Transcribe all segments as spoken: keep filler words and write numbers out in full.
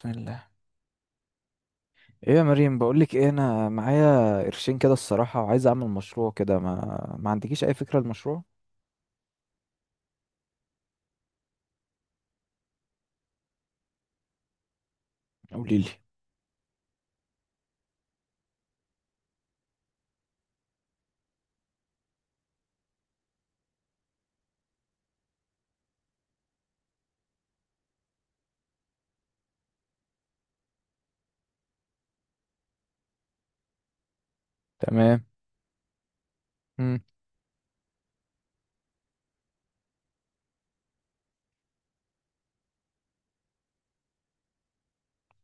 بسم الله. ايه يا مريم، بقولك ايه، انا معايا قرشين كده الصراحة وعايز اعمل مشروع كده. ما ما عندكيش اي فكرة المشروع؟ قوليلي. تمام. مم.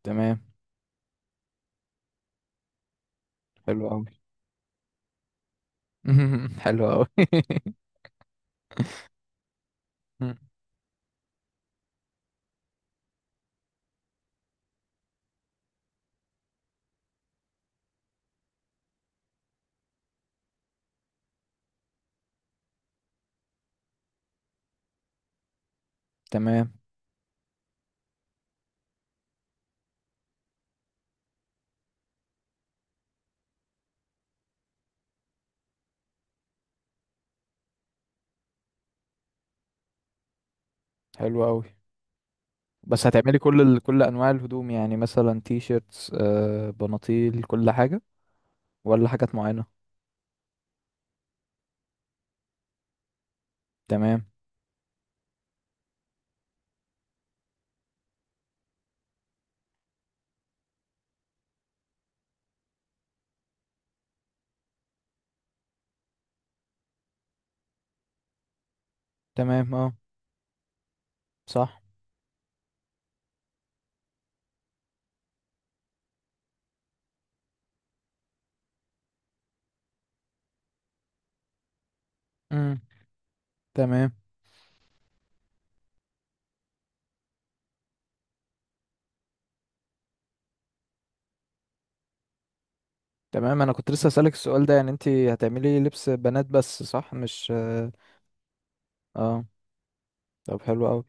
تمام. حلو قوي. حلو قوي. مم. تمام. حلو قوي. بس هتعملي كل ال... كل انواع الهدوم، يعني مثلا تي شيرتس، آه بناطيل، كل حاجة، ولا حاجات معينة؟ تمام. تمام، اه، صح. مم. تمام. تمام، انا كنت لسه اسالك السؤال ده. يعني انت هتعملي لبس بنات بس، صح؟ مش اه؟ آه. طب حلو قوي.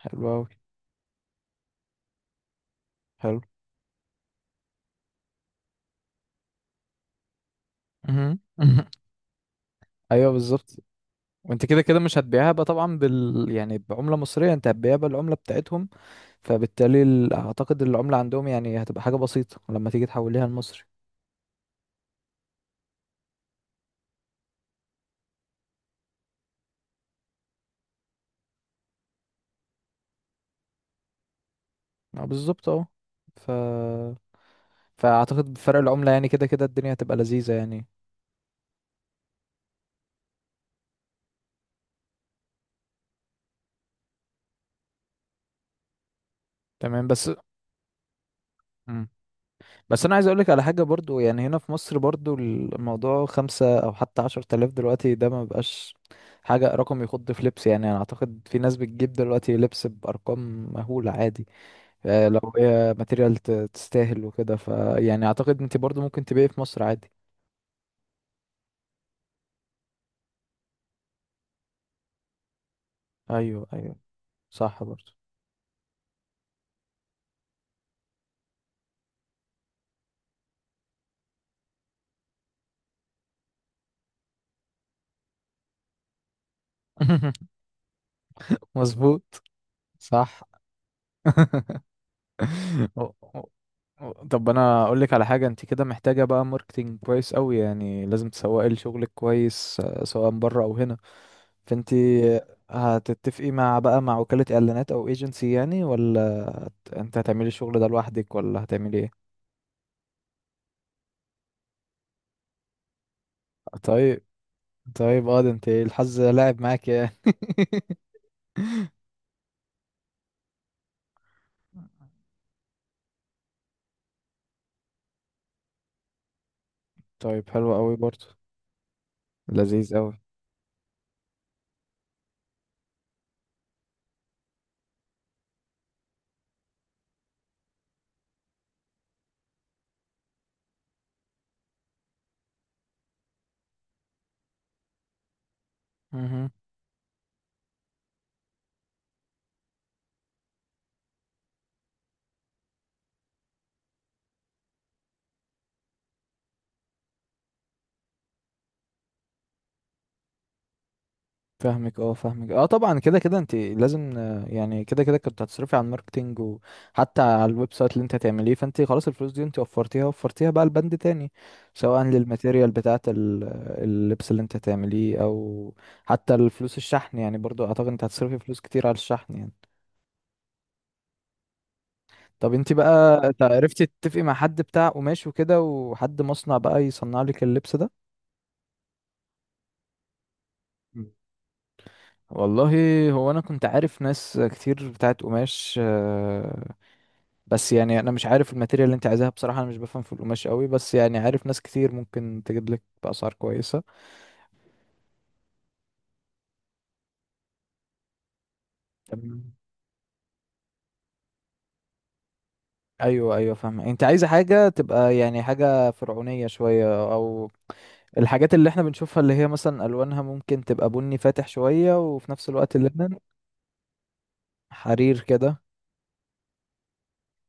حلو أوي. حلو. مهم. مهم. أيوه، بالظبط. وأنت كده كده مش هتبيعها بقى طبعا، بال يعني بعملة مصرية. أنت هتبيعها بالعملة بتاعتهم. فبالتالي ال... أعتقد العملة عندهم يعني هتبقى حاجة بسيطة لما تيجي تحوليها لمصري. أه، بالظبط، أه. ف... فأعتقد بفرق العملة يعني كده كده الدنيا هتبقى لذيذة يعني. تمام، بس. مم. بس انا عايز اقولك على حاجه برضو، يعني هنا في مصر برضو الموضوع خمسة او حتى عشر تلاف دلوقتي ده ما بقاش حاجه رقم يخض في لبس. يعني انا اعتقد في ناس بتجيب دلوقتي لبس بارقام مهوله عادي. آه، لو هي ماتيريال ت- تستاهل وكده، فيعني اعتقد انت برضو ممكن تبيعي في مصر عادي. ايوه، ايوه. صح برضه. مظبوط. صح. أو- أو- أو- طب انا اقول لك على حاجه. انت كده محتاجه بقى ماركتينج كويس قوي، يعني لازم تسوقي لشغلك كويس، آه، سواء بره او هنا. فانت هتتفقي مع بقى مع وكاله اعلانات او ايجنسي يعني، ولا هت- انت هتعملي الشغل ده لوحدك ولا هتعملي ايه؟ طيب. طيب، اه، ده انت الحظ لاعب معاك يعني. طيب، حلو قوي برضه. لذيذ قوي. فاهمك، اه، فاهمك، اه، طبعا كده كده انت لازم، آه، يعني كده كده كنت هتصرفي على الماركتينج، وحتى على الويب سايت اللي انت هتعمليه. فانت خلاص الفلوس دي انت وفرتيها، وفرتيها بقى لبند تاني، سواء للماتيريال بتاعة ال- اللبس اللي انت هتعمليه، او حتى الفلوس الشحن. يعني برضو اعتقد انت هتصرفي فلوس كتير على الشحن يعني. طب انت بقى، ت- عرفتي تتفقي مع حد بتاع قماش وكده، وحد مصنع بقى يصنع لك اللبس ده؟ مم. والله، هو انا كنت عارف ناس كتير بتاعت قماش، آه، بس يعني انا مش عارف الماتيريال اللي انت عايزاها بصراحه. انا مش بفهم في القماش قوي، بس يعني عارف ناس كتير ممكن تجيب لك باسعار كويسه. تمام. ايوه، ايوه، فاهم. انت عايزه حاجه تبقى يعني حاجه فرعونيه شويه، او الحاجات اللي احنا بنشوفها اللي هي مثلا الوانها ممكن تبقى بني فاتح شويه، وفي نفس الوقت اللبن، حرير كده.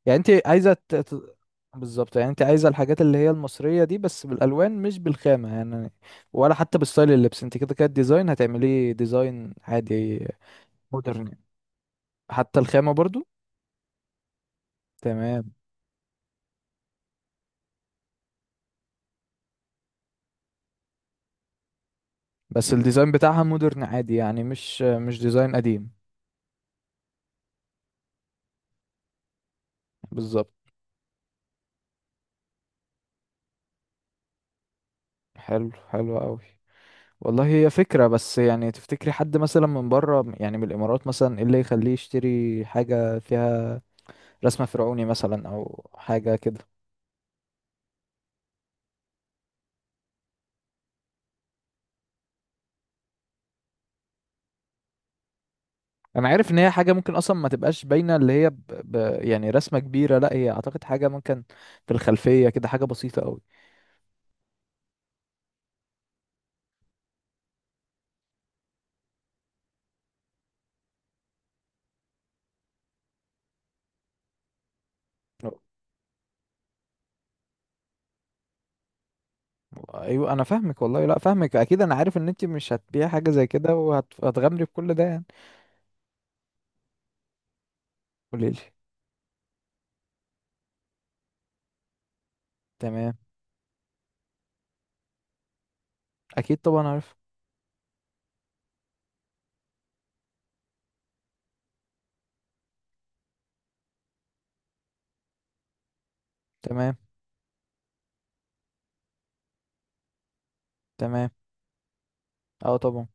يعني انت عايزه ت... ت- بالظبط، يعني انت عايزه الحاجات اللي هي المصريه دي بس بالالوان، مش بالخامه يعني، ولا حتى بالستايل اللبس؟ انت كده كده الديزاين هتعمليه ديزاين عادي، مودرن. حتى الخامة برضو؟ تمام. بس الديزاين بتاعها مودرن عادي يعني، مش مش ديزاين قديم. بالظبط. حلو، حلو قوي. والله هي فكرة. بس يعني تفتكري حد مثلا من بره، يعني من الإمارات مثلا، ايه اللي يخليه يشتري حاجة فيها رسمة فرعوني مثلا، أو حاجة كده؟ أنا عارف إن هي حاجة ممكن أصلا ما تبقاش باينة، اللي هي ب... ب... يعني رسمة كبيرة، لا، هي أعتقد حاجة ممكن في الخلفية كده، حاجة بسيطة قوي. ايوه انا فاهمك، والله لا فاهمك، اكيد انا عارف ان انت مش هتبيع حاجه زي كده وهتغامري بكل ده يعني. قولي لي. تمام. اكيد، طبعا، عارف. تمام. تمام، اه، طبعا.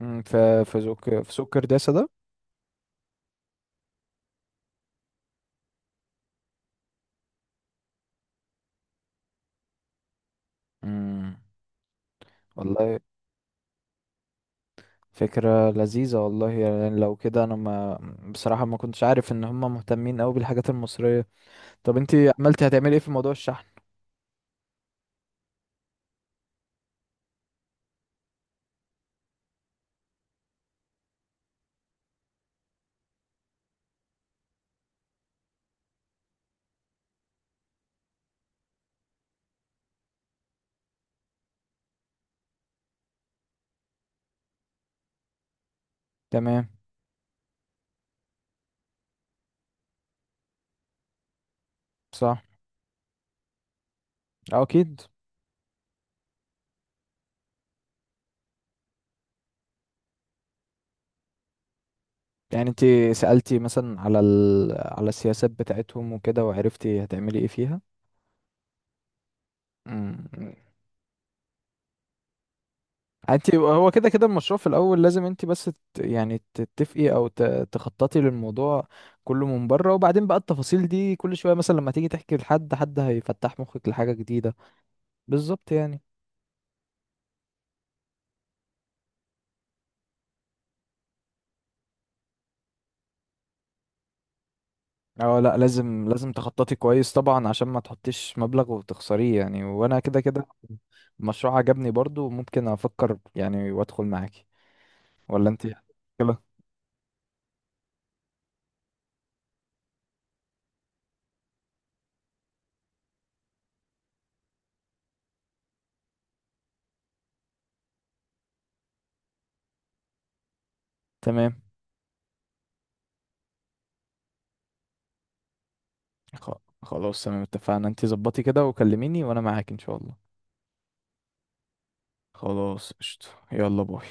امم في في سوق في سوق كرداسه ده؟ امم والله، فكره لذيذه، والله يعني. لو كده انا ما بصراحه، ما كنتش عارف ان هم مهتمين قوي بالحاجات المصريه. طب انت عملتي، هتعملي ايه في موضوع الشحن؟ تمام. صح. اه، اكيد. يعني انت سألتي مثلا على ال... على السياسات بتاعتهم وكده، وعرفتي هتعملي ايه فيها؟ امم انت، هو كده كده المشروع في الاول لازم انت بس، ت- يعني تتفقي، او ت- تخططي للموضوع كله من بره، وبعدين بقى التفاصيل دي كل شويه مثلا لما تيجي تحكي لحد، حد هيفتح مخك لحاجه جديده. بالظبط يعني. اه، لا، لازم لازم تخططي كويس طبعا عشان ما تحطيش مبلغ وتخسريه يعني. وانا كده كده المشروع عجبني، برضو ممكن افكر يعني وادخل معاكي، ولا انت كده؟ تمام خ- خلاص، تمام، اتفقنا. انت ظبطي كده وكلميني وانا معاك ان شاء الله. خلاص قشطة، يلا باي.